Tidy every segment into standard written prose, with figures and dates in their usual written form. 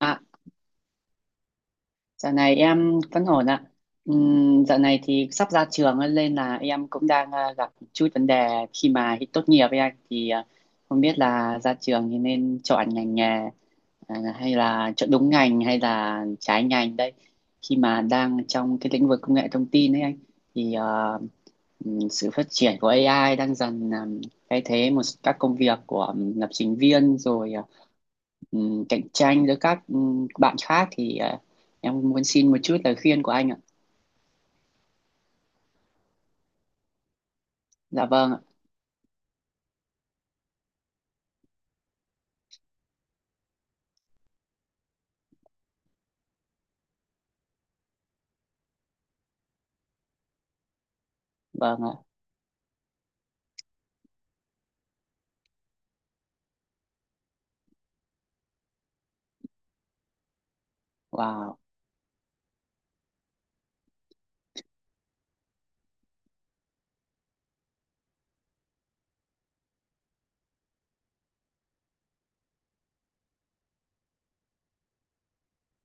À, Dạo này em vẫn ổn ạ. Dạo này thì sắp ra trường ấy, nên là em cũng đang gặp chút vấn đề khi mà tốt nghiệp với anh không biết là ra trường thì nên chọn ngành nghề hay là chọn đúng ngành hay là trái ngành đây. Khi mà đang trong cái lĩnh vực công nghệ thông tin ấy anh thì à, sự phát triển của AI đang dần thay thế một các công việc của lập trình viên cạnh tranh giữa các bạn khác, em muốn xin một chút lời khuyên của anh ạ. Dạ vâng ạ. Vâng ạ. Wow.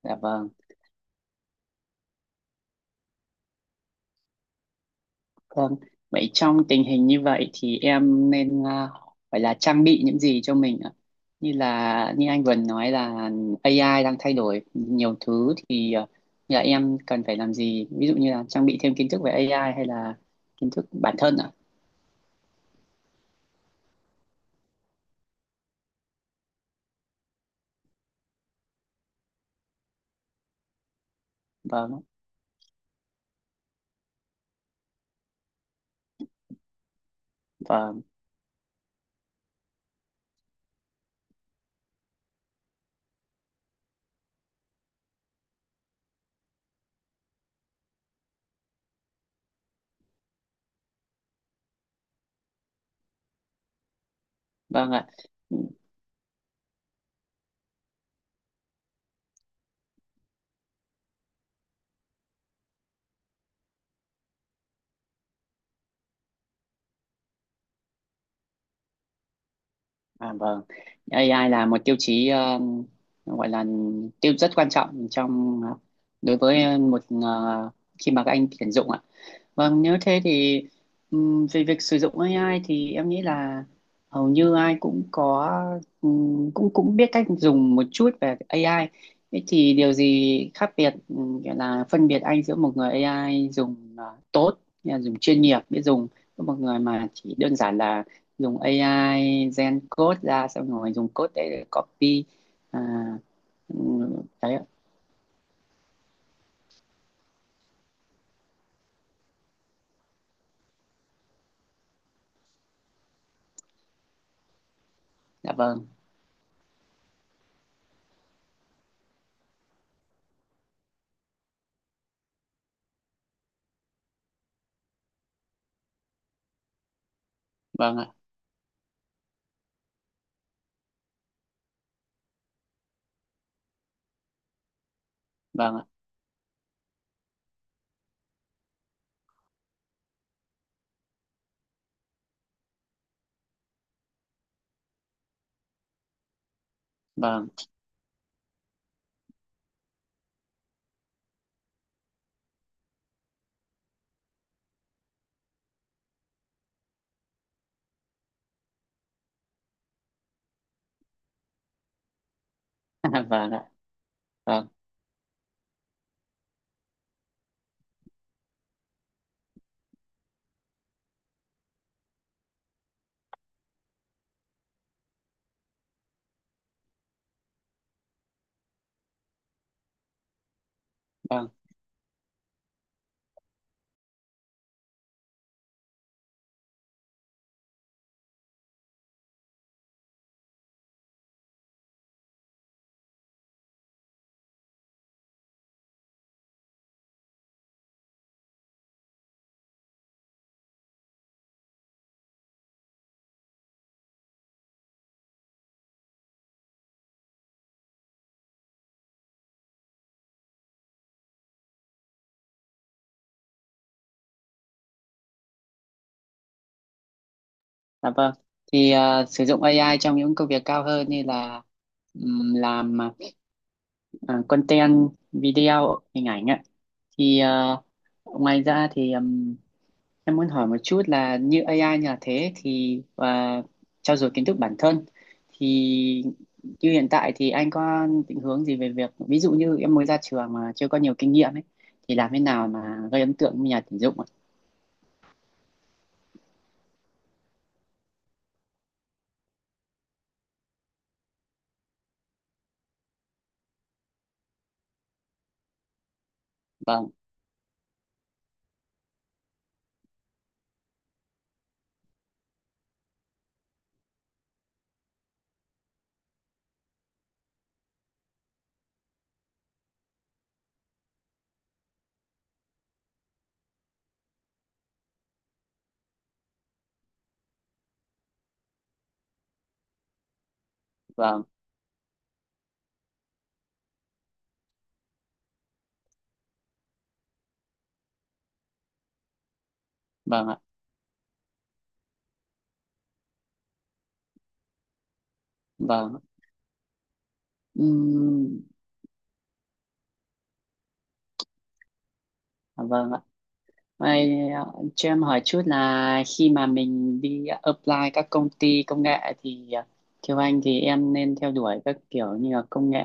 Dạ vâng. Vâng. Vậy trong tình hình như vậy thì em nên phải là trang bị những gì cho mình ạ? Như là như anh vừa nói là AI đang thay đổi nhiều thứ, như là em cần phải làm gì? Ví dụ như là trang bị thêm kiến thức về AI hay là kiến thức bản thân ạ? Vâng. Vâng. Vâng ạ. À, vâng, AI là một tiêu chí, gọi là tiêu rất quan trọng trong đối với một khi mà các anh tuyển dụng ạ. Vâng, nếu thế thì, về việc sử dụng AI thì em nghĩ là hầu như ai cũng có cũng cũng biết cách dùng một chút về AI. Thế thì điều gì khác biệt, gọi là phân biệt anh giữa một người AI dùng tốt, nghĩa là dùng chuyên nghiệp biết dùng với một người mà chỉ đơn giản là dùng AI gen code ra xong rồi dùng code đấy để copy à, đấy ạ. Dạ vâng, vâng ạ, vâng ạ, vâng, vâng ạ, vâng, vâng. Dạ vâng. Thì à, sử dụng AI trong những công việc cao hơn như là làm content video hình ảnh ạ. Thì à, ngoài ra thì em muốn hỏi một chút là như AI như là thế thì và trau dồi kiến thức bản thân thì như hiện tại thì anh có định hướng gì về việc ví dụ như em mới ra trường mà chưa có nhiều kinh nghiệm ấy thì làm thế nào mà gây ấn tượng với nhà tuyển dụng ạ? Vâng, vâng, vâng ạ, vâng. Ừm, vâng ạ. Vậy, cho em hỏi chút là khi mà mình đi apply các công ty công nghệ thì, theo anh thì em nên theo đuổi các kiểu như là công nghệ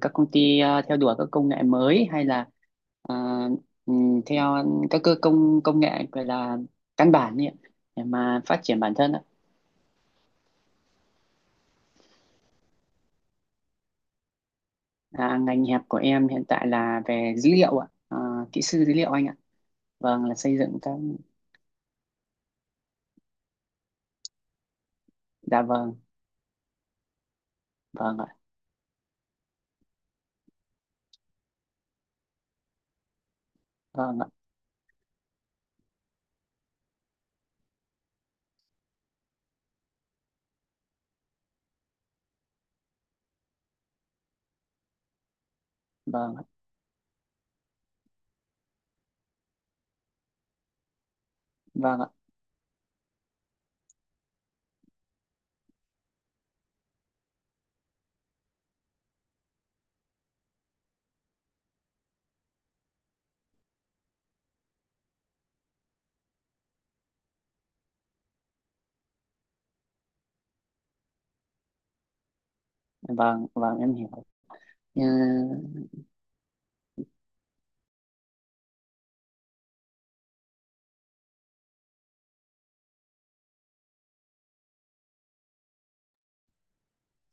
các công ty, theo đuổi các công nghệ mới hay là ờ, theo các cơ công công nghệ gọi là căn bản nhỉ để mà phát triển bản thân ạ. À, ngành hẹp của em hiện tại là về dữ liệu ạ. À, kỹ sư dữ liệu anh ạ. Vâng là xây dựng các. Dạ vâng. Vâng ạ. Vâng ạ. Vâng ạ. Vâng ạ. Vâng, vâng em hiểu. Ừ,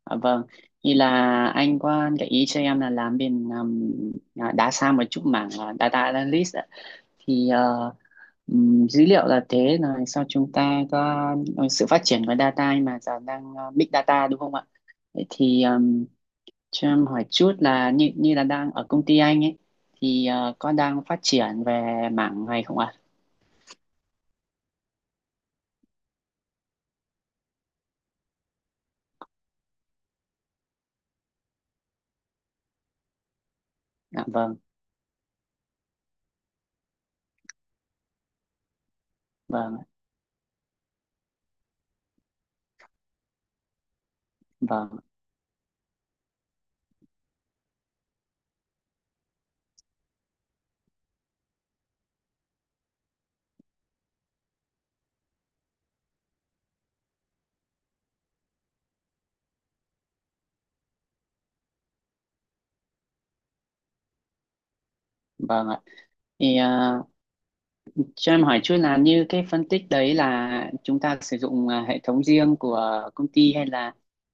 à, vâng, thì là anh có gợi ý cho em là làm bên, đá xa một chút mảng data analyst ạ. thì ờ, dữ liệu là thế rồi sau chúng ta có sự phát triển của data mà giờ đang big data đúng không ạ? Vậy thì, cho em hỏi chút là như như là đang ở công ty anh ấy thì có đang phát triển về mảng này không ạ? Dạ vâng. Vâng ạ, vâng. Vâng ạ. Thì ờ, cho em hỏi chút là như cái phân tích đấy là chúng ta sử dụng hệ thống riêng của công ty hay là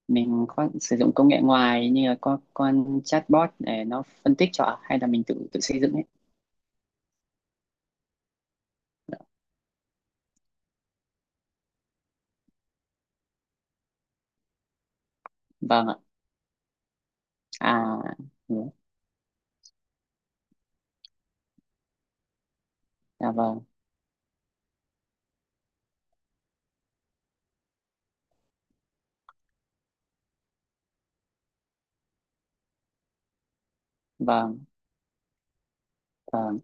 mình có sử dụng công nghệ ngoài như là con chatbot để nó phân tích cho ạ? Hay là mình tự tự xây dựng ấy? Vâng ạ. À, ừ. Dạ vâng, vâng, vâng,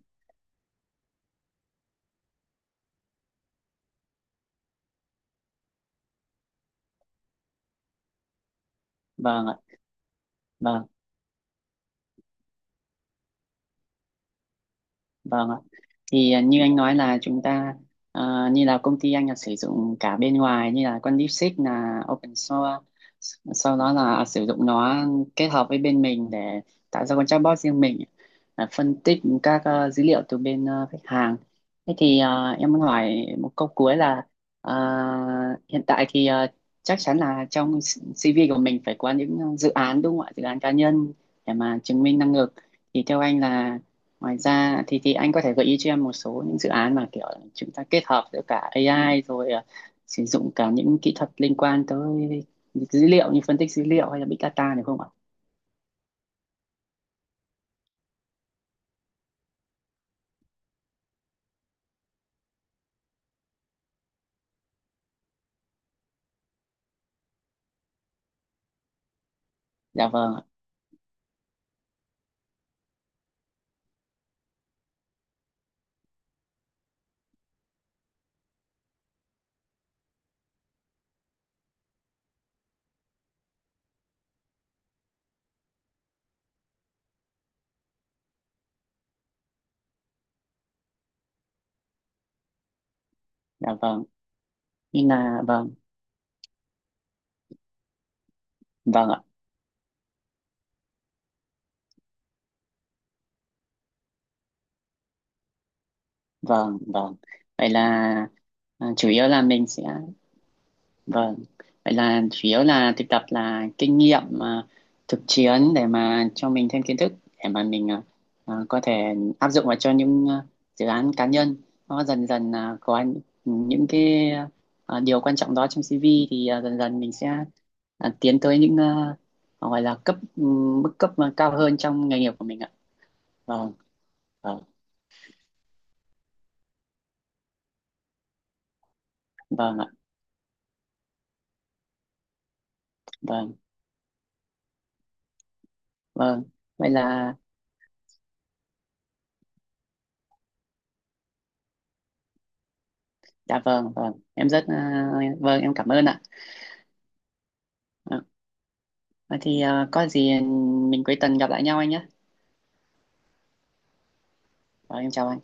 vâng ạ. Vâng. Vâng ạ. Như anh nói là chúng ta, như là công ty anh là sử dụng cả bên ngoài như là con DeepSeek là open source, sau đó là sử dụng nó kết hợp với bên mình để tạo ra con chatbot riêng mình, phân tích các dữ liệu từ bên khách hàng. Thế thì, em muốn hỏi một câu cuối là à, hiện tại thì chắc chắn là trong CV của mình phải có những dự án đúng không ạ? Dự án cá nhân để mà chứng minh năng lực. Thì theo anh là ngoài ra thì anh có thể gợi ý cho em một số những dự án mà kiểu chúng ta kết hợp giữa cả AI rồi sử dụng cả những kỹ thuật liên quan tới dữ liệu như phân tích dữ liệu hay là big data được không ạ? Dạ vâng, ạ. Dạ vâng. Như là vâng, vâng ạ, vâng, vâng. Vậy là chủ yếu là mình sẽ. Vâng, vậy là chủ yếu là thực tập là kinh nghiệm thực chiến để mà cho mình thêm kiến thức để mà mình có thể áp dụng vào cho những dự án cá nhân, nó dần dần có những cái, điều quan trọng đó trong CV thì dần dần mình sẽ tiến tới những, gọi là mức cấp mà cao hơn trong nghề nghiệp của mình ạ. Vâng, vâng, vâng ạ, vâng, vâng. Vậy là, dạ vâng, vâng. Em rất, vâng, em cảm ơn ạ. Vậy thì, có gì mình cuối tuần gặp lại nhau anh nhé. Rồi em chào anh.